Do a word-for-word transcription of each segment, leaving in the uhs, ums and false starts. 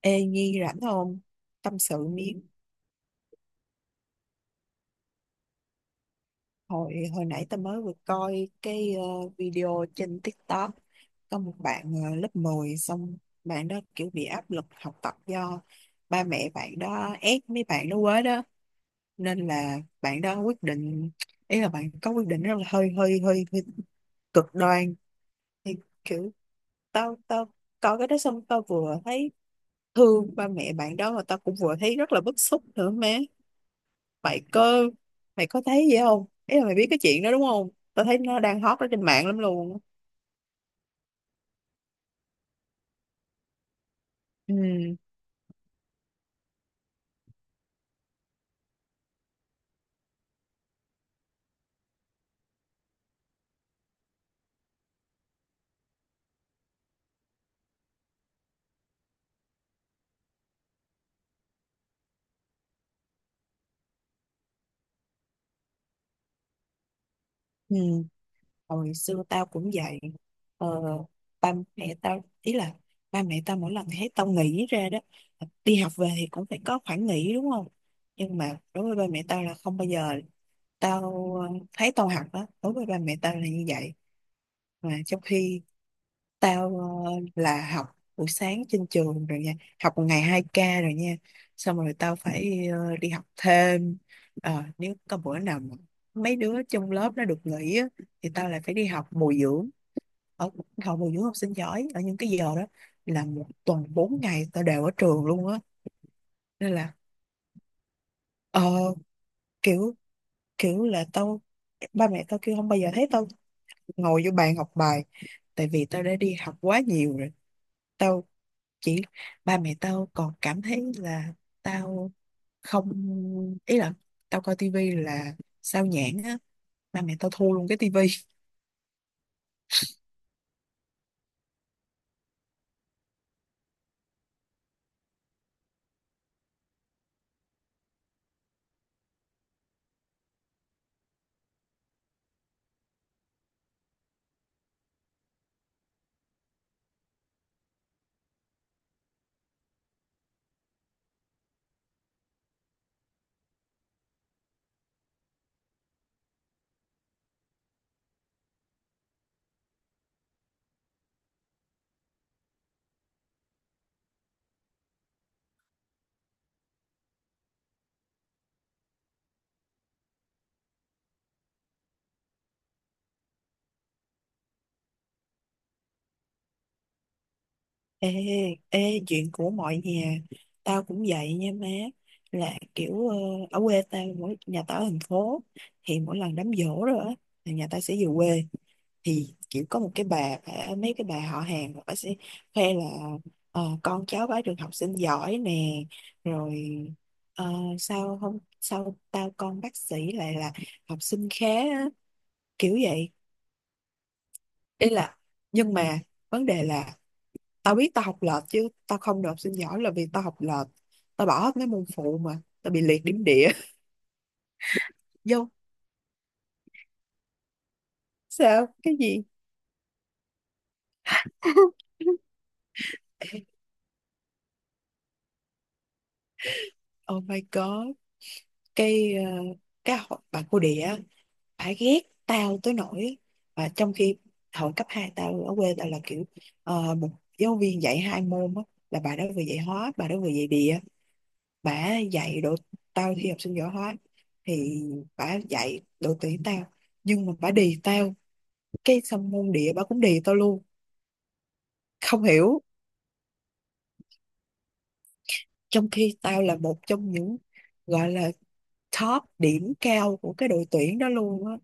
Ê Nhi rảnh không? Tâm sự miếng. Hồi hồi nãy tao mới vừa coi cái ờ, video trên TikTok, có một bạn ờ, lớp mười. Xong bạn đó kiểu bị áp lực học tập do ba mẹ bạn đó ép mấy bạn đó quá đó, nên là bạn đó quyết định, ý là bạn có quyết định rất là hơi hơi hơi, hơi cực đoan. Thì kiểu tao tao coi cái đó xong tao vừa thấy thương ba mẹ bạn đó, mà tao cũng vừa thấy rất là bức xúc nữa má. mày có Mày có thấy vậy không, ý là mày biết cái chuyện đó đúng không? Tao thấy nó đang hot ở trên mạng lắm luôn. Ừ, ừ. Hồi xưa tao cũng vậy ờ, Ba mẹ tao ý là ba mẹ tao mỗi lần thấy tao nghỉ ra đó, đi học về thì cũng phải có khoảng nghỉ đúng không. Nhưng mà đối với ba mẹ tao là không bao giờ. Tao ờ, thấy tao học đó đối với ba mẹ tao là như vậy. Mà trong khi tao, ờ, là học buổi sáng trên trường rồi nha. Học một ngày hai k rồi nha. Xong rồi tao phải ờ, đi học thêm. Ờ, nếu có bữa nào mà mấy đứa trong lớp nó được nghỉ á, thì tao lại phải đi học bồi dưỡng ở, học bồi dưỡng học sinh giỏi. Ở những cái giờ đó, là một tuần bốn ngày tao đều ở trường luôn á. Nên là ờ, kiểu, kiểu là tao, ba mẹ tao kêu không bao giờ thấy tao ngồi vô bàn học bài. Tại vì tao đã đi học quá nhiều rồi, chỉ, ba mẹ tao còn cảm thấy là tao không, ý là tao coi tivi là sao nhãng á, ba mẹ tao thu luôn cái tivi. Ê, ê, chuyện của mọi nhà. Tao cũng vậy nha má. Là kiểu ờ, ở quê tao, mỗi, nhà tao ở thành phố, thì mỗi lần đám giỗ rồi á, là nhà tao sẽ về quê. Thì kiểu có một cái bà bả- mấy cái bà họ hàng, bà sẽ khoe là ờ, con cháu bá được học sinh giỏi nè. Rồi ờ, sao không, sao tao con bác sĩ lại là học sinh khá á, kiểu vậy. Ý là, nhưng mà vấn đề là tao biết tao học lệch, chứ tao không được học sinh giỏi là vì tao học lệch, tao bỏ hết mấy môn phụ mà tao bị liệt điểm địa. Vô, sao cái gì. Ê, oh my god. cái ờ, cái hội- bà cô địa á, bà ghét tao tới nỗi, và trong khi hồi cấp hai tao ở quê tao là kiểu ờ, một giáo viên dạy hai môn á, là bà đó vừa dạy hóa, bà đó vừa dạy địa. Bà dạy độ, tao thi học sinh giỏi hóa, thì bà dạy độ tuyển tao, nhưng mà bà đì tao. Cái xong môn địa bà cũng địa tao luôn, không hiểu. Trong khi tao là một trong những gọi là top điểm cao của cái đội tuyển đó luôn á.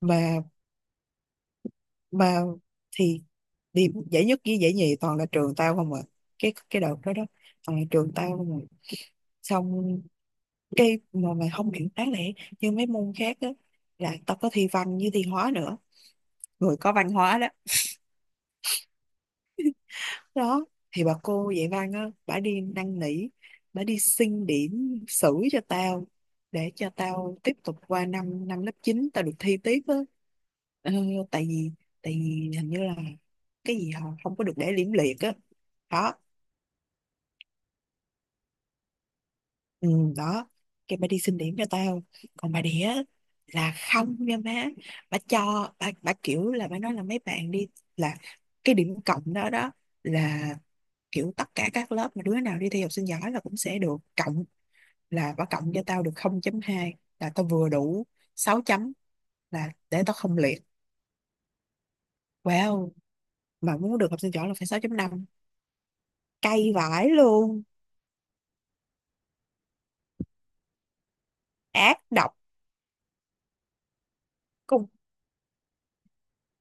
Mà mà Thì điểm giải nhất với giải nhì toàn là trường tao không à, cái cái đợt đó đó toàn là trường tao không à. Xong cái mà mày không hiểu, đáng lẽ như mấy môn khác á, là tao có thi văn với thi hóa nữa, người có văn hóa đó đó, thì bà cô dạy văn á bà đi năn nỉ, bà đi xin điểm xử cho tao, để cho tao tiếp tục qua năm năm lớp chín tao được thi tiếp á. Ờ, tại vì, tại vì hình như là cái gì họ không có được để liễm liệt á. Đó, ừ, đó, cái bà đi xin điểm cho tao. Còn bà đĩa là không nha má, bà cho bà, bà kiểu là bà nói là mấy bạn đi, là cái điểm cộng đó đó, là kiểu tất cả các lớp mà đứa nào đi thi học sinh giỏi là cũng sẽ được cộng, là bà cộng cho tao được không phẩy hai, là tao vừa đủ sáu chấm, là để tao không liệt. Wow, mà muốn được học sinh giỏi là phải sáu phẩy năm. Cay vãi luôn, ác độc cùng.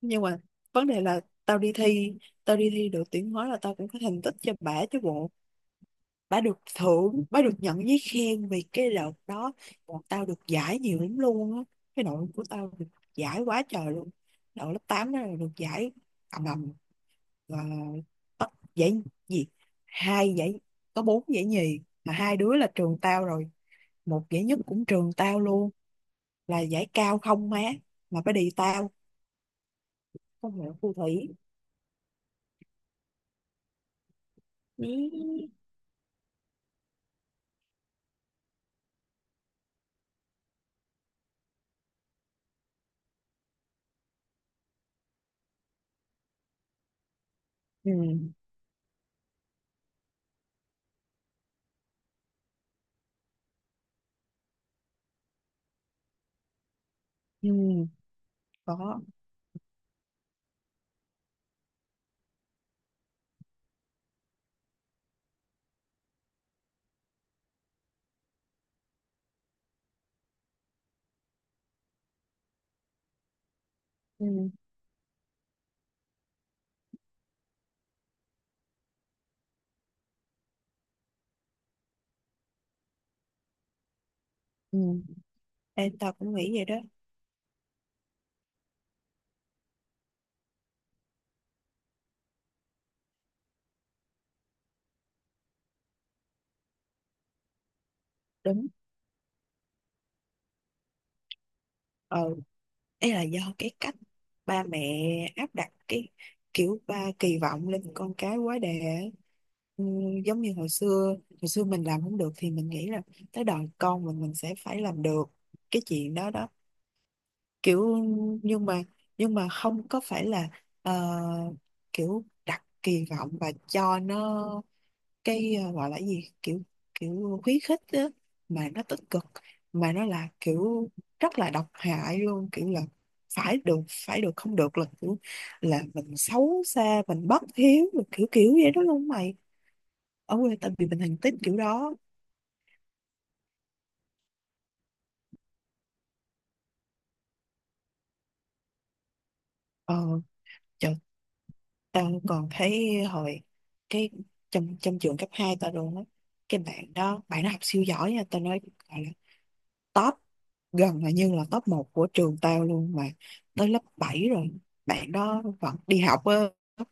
Nhưng mà vấn đề là tao đi thi tao đi thi được tiếng nói là tao cũng có thành tích cho bả chứ bộ. Bà được thưởng, bà được nhận giấy khen vì cái đợt đó bọn tao được giải nhiều lắm luôn á. Cái đội của tao được giải quá trời luôn, đội lớp tám đó là được giải ầm ầm. Và bắt giải gì, hai giải, có bốn giải nhì mà hai đứa là trường tao rồi, một giải nhất cũng trường tao luôn, là giải cao không má. Mà phải đi tao không hiểu, phù thủy. Ừ. Ừ. Ừ. Có. Ừ. Ừ. Em tao cũng nghĩ vậy đó. Đúng. Ừ, ấy là do cái cách ba mẹ áp đặt cái kiểu, ba kỳ vọng lên con cái quá đà ấy. Ừ, giống như hồi xưa, hồi xưa mình làm không được thì mình nghĩ là tới đời con mình mình sẽ phải làm được cái chuyện đó đó kiểu. Nhưng mà nhưng mà không có phải là ờ, kiểu đặt kỳ vọng và cho nó cái ờ, gọi là cái gì, kiểu, kiểu khuyến khích á mà nó tích cực, mà nó là kiểu rất là độc hại luôn. Kiểu là phải được, phải được, không được là kiểu là mình xấu xa, mình bất hiếu rồi, kiểu kiểu vậy đó luôn mày. Ở quê tao bị bệnh hành tím kiểu đó. Ờ, trời, tao còn thấy hồi cái, trong trong trường cấp hai tao luôn á. Cái bạn đó bạn nó học siêu giỏi nha, tao nói top, gần là như là top một của trường tao luôn, mà tới lớp bảy rồi bạn đó vẫn đi học á.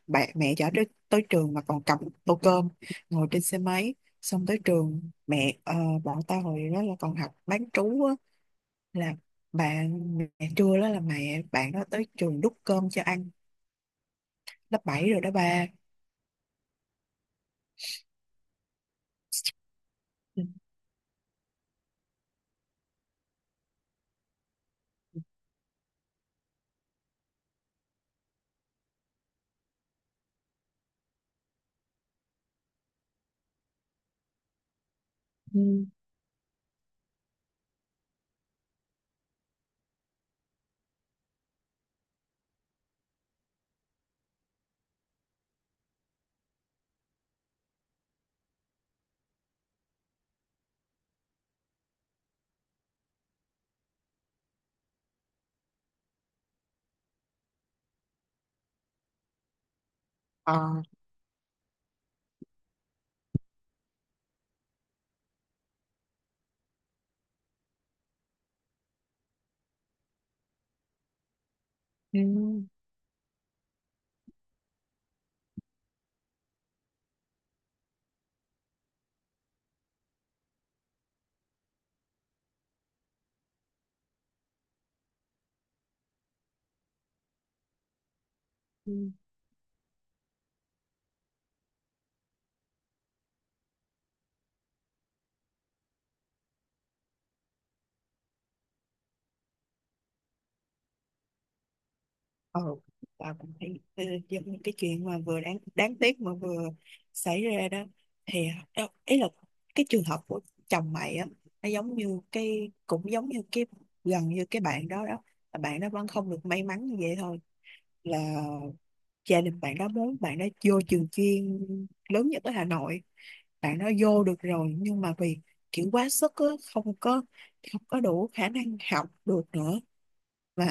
Bạn mẹ chở tới, tới trường mà còn cầm tô cơm, ngồi trên xe máy. Xong tới trường mẹ ờ, bọn tao hồi đó là còn học bán trú á, là bạn mẹ trưa đó là mẹ bạn đó tới trường đút cơm cho ăn. Lớp bảy rồi đó ba. Ừ. Ừ. Ờ. Ừ. Ừ. Tao cũng thấy ờ, giống như cái chuyện mà vừa đáng đáng tiếc mà vừa xảy ra đó, thì đâu ý là cái trường hợp của chồng mày á, nó giống như cái, cũng giống như cái gần như cái bạn đó đó. Là bạn đó vẫn không được may mắn như vậy thôi, là gia đình bạn đó muốn bạn đó vô trường chuyên lớn nhất ở Hà Nội. Bạn nó vô được rồi nhưng mà vì kiểu quá sức á, không có, không có đủ khả năng học được nữa. Và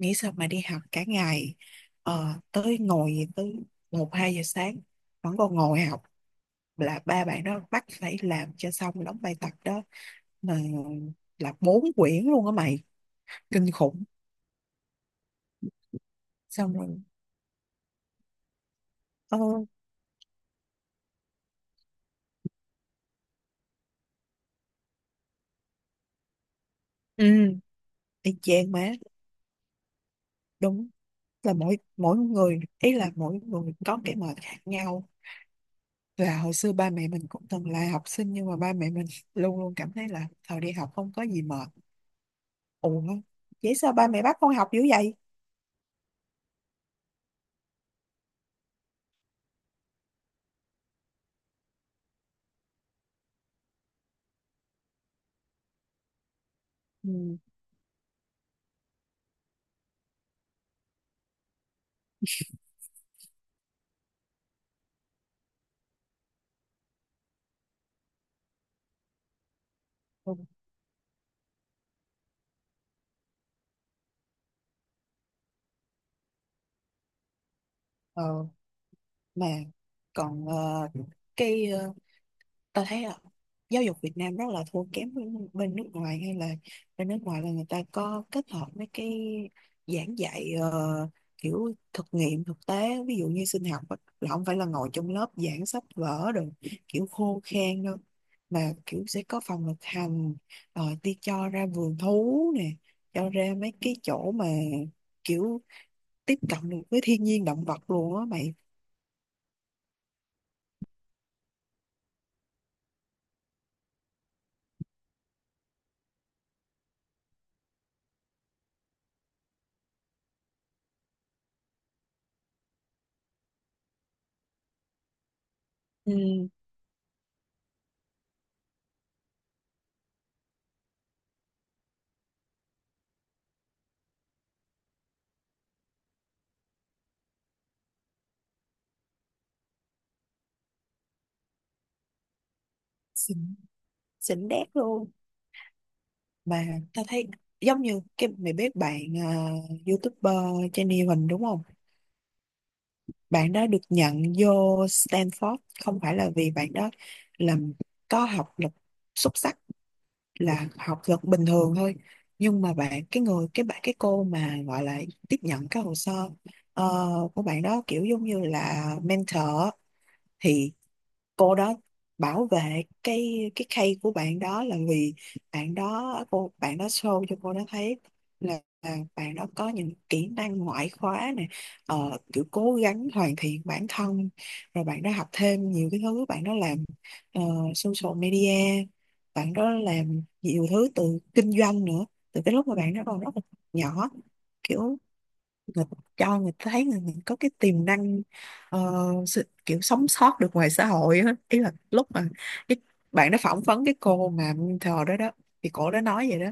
nghĩ sao mà đi học cả ngày ờ, tới ngồi tới một hai giờ sáng vẫn còn ngồi học, là ba bạn đó bắt phải làm cho xong đóng bài tập đó. Mà là bốn quyển luôn á mày, kinh khủng. Xong rồi, ờ, ừ, y chang má, đúng. Là mỗi mỗi người, ý là mỗi người có cái mệt khác nhau. Là hồi xưa ba mẹ mình cũng từng là học sinh, nhưng mà ba mẹ mình luôn luôn cảm thấy là thời đi học không có gì mệt. Ủa, vậy sao ba mẹ bắt con học dữ vậy? Ừ. Ờ, mà Còn ờ, cái ờ, ta thấy là giáo dục Việt Nam rất là thua kém với bên nước ngoài, hay là bên nước ngoài là người ta có kết hợp mấy cái giảng dạy ờ, kiểu thực nghiệm thực tế, ví dụ như sinh học á, là không phải là ngồi trong lớp giảng sách vở rồi kiểu khô khan đâu, mà kiểu sẽ có phòng thực hành, rồi đi cho ra vườn thú nè, cho ra mấy cái chỗ mà kiểu tiếp cận được với thiên nhiên động vật luôn á mày. Ừ. Xịn, xịn đét luôn. Mà tao thấy giống như cái, mày biết bạn uh, YouTuber Jenny Huỳnh đúng không? Bạn đó được nhận vô Stanford, không phải là vì bạn đó làm có học lực xuất sắc, là học lực bình thường thôi. Nhưng mà bạn cái người cái bạn cái cô mà gọi là tiếp nhận cái hồ sơ ờ, của bạn đó kiểu giống như là mentor á, thì cô đó bảo vệ cái cái case của bạn đó là vì bạn đó, cô bạn đó show cho cô đó thấy là, là bạn đó có những kỹ năng ngoại khóa này, ờ, kiểu cố gắng hoàn thiện bản thân, rồi bạn đó học thêm nhiều cái thứ, bạn đó làm ờ, social media, bạn đó làm nhiều thứ từ kinh doanh nữa, từ cái lúc mà bạn đó còn rất là nhỏ. Kiểu người, cho người ta thấy người mình có cái tiềm năng ờ, sự- kiểu sống sót được ngoài xã hội á, ý là lúc mà cái bạn đó phỏng vấn cái cô mà mentor đó đó, thì cổ đó nói vậy đó,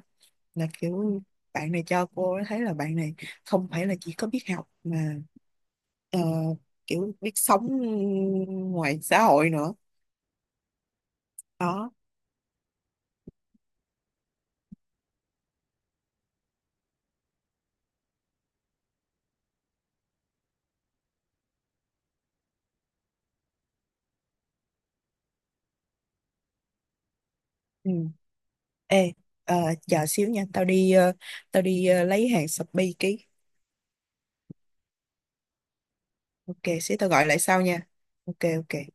là kiểu bạn này cho cô thấy là bạn này không phải là chỉ có biết học mà ờ, kiểu biết sống ngoài xã hội nữa. Đó. Ừ. Ê, ờ, chờ xíu nha, tao đi ờ, tao đi ờ, lấy hàng Shopee ký. Ok, xíu tao gọi lại sau nha. Ok, ok.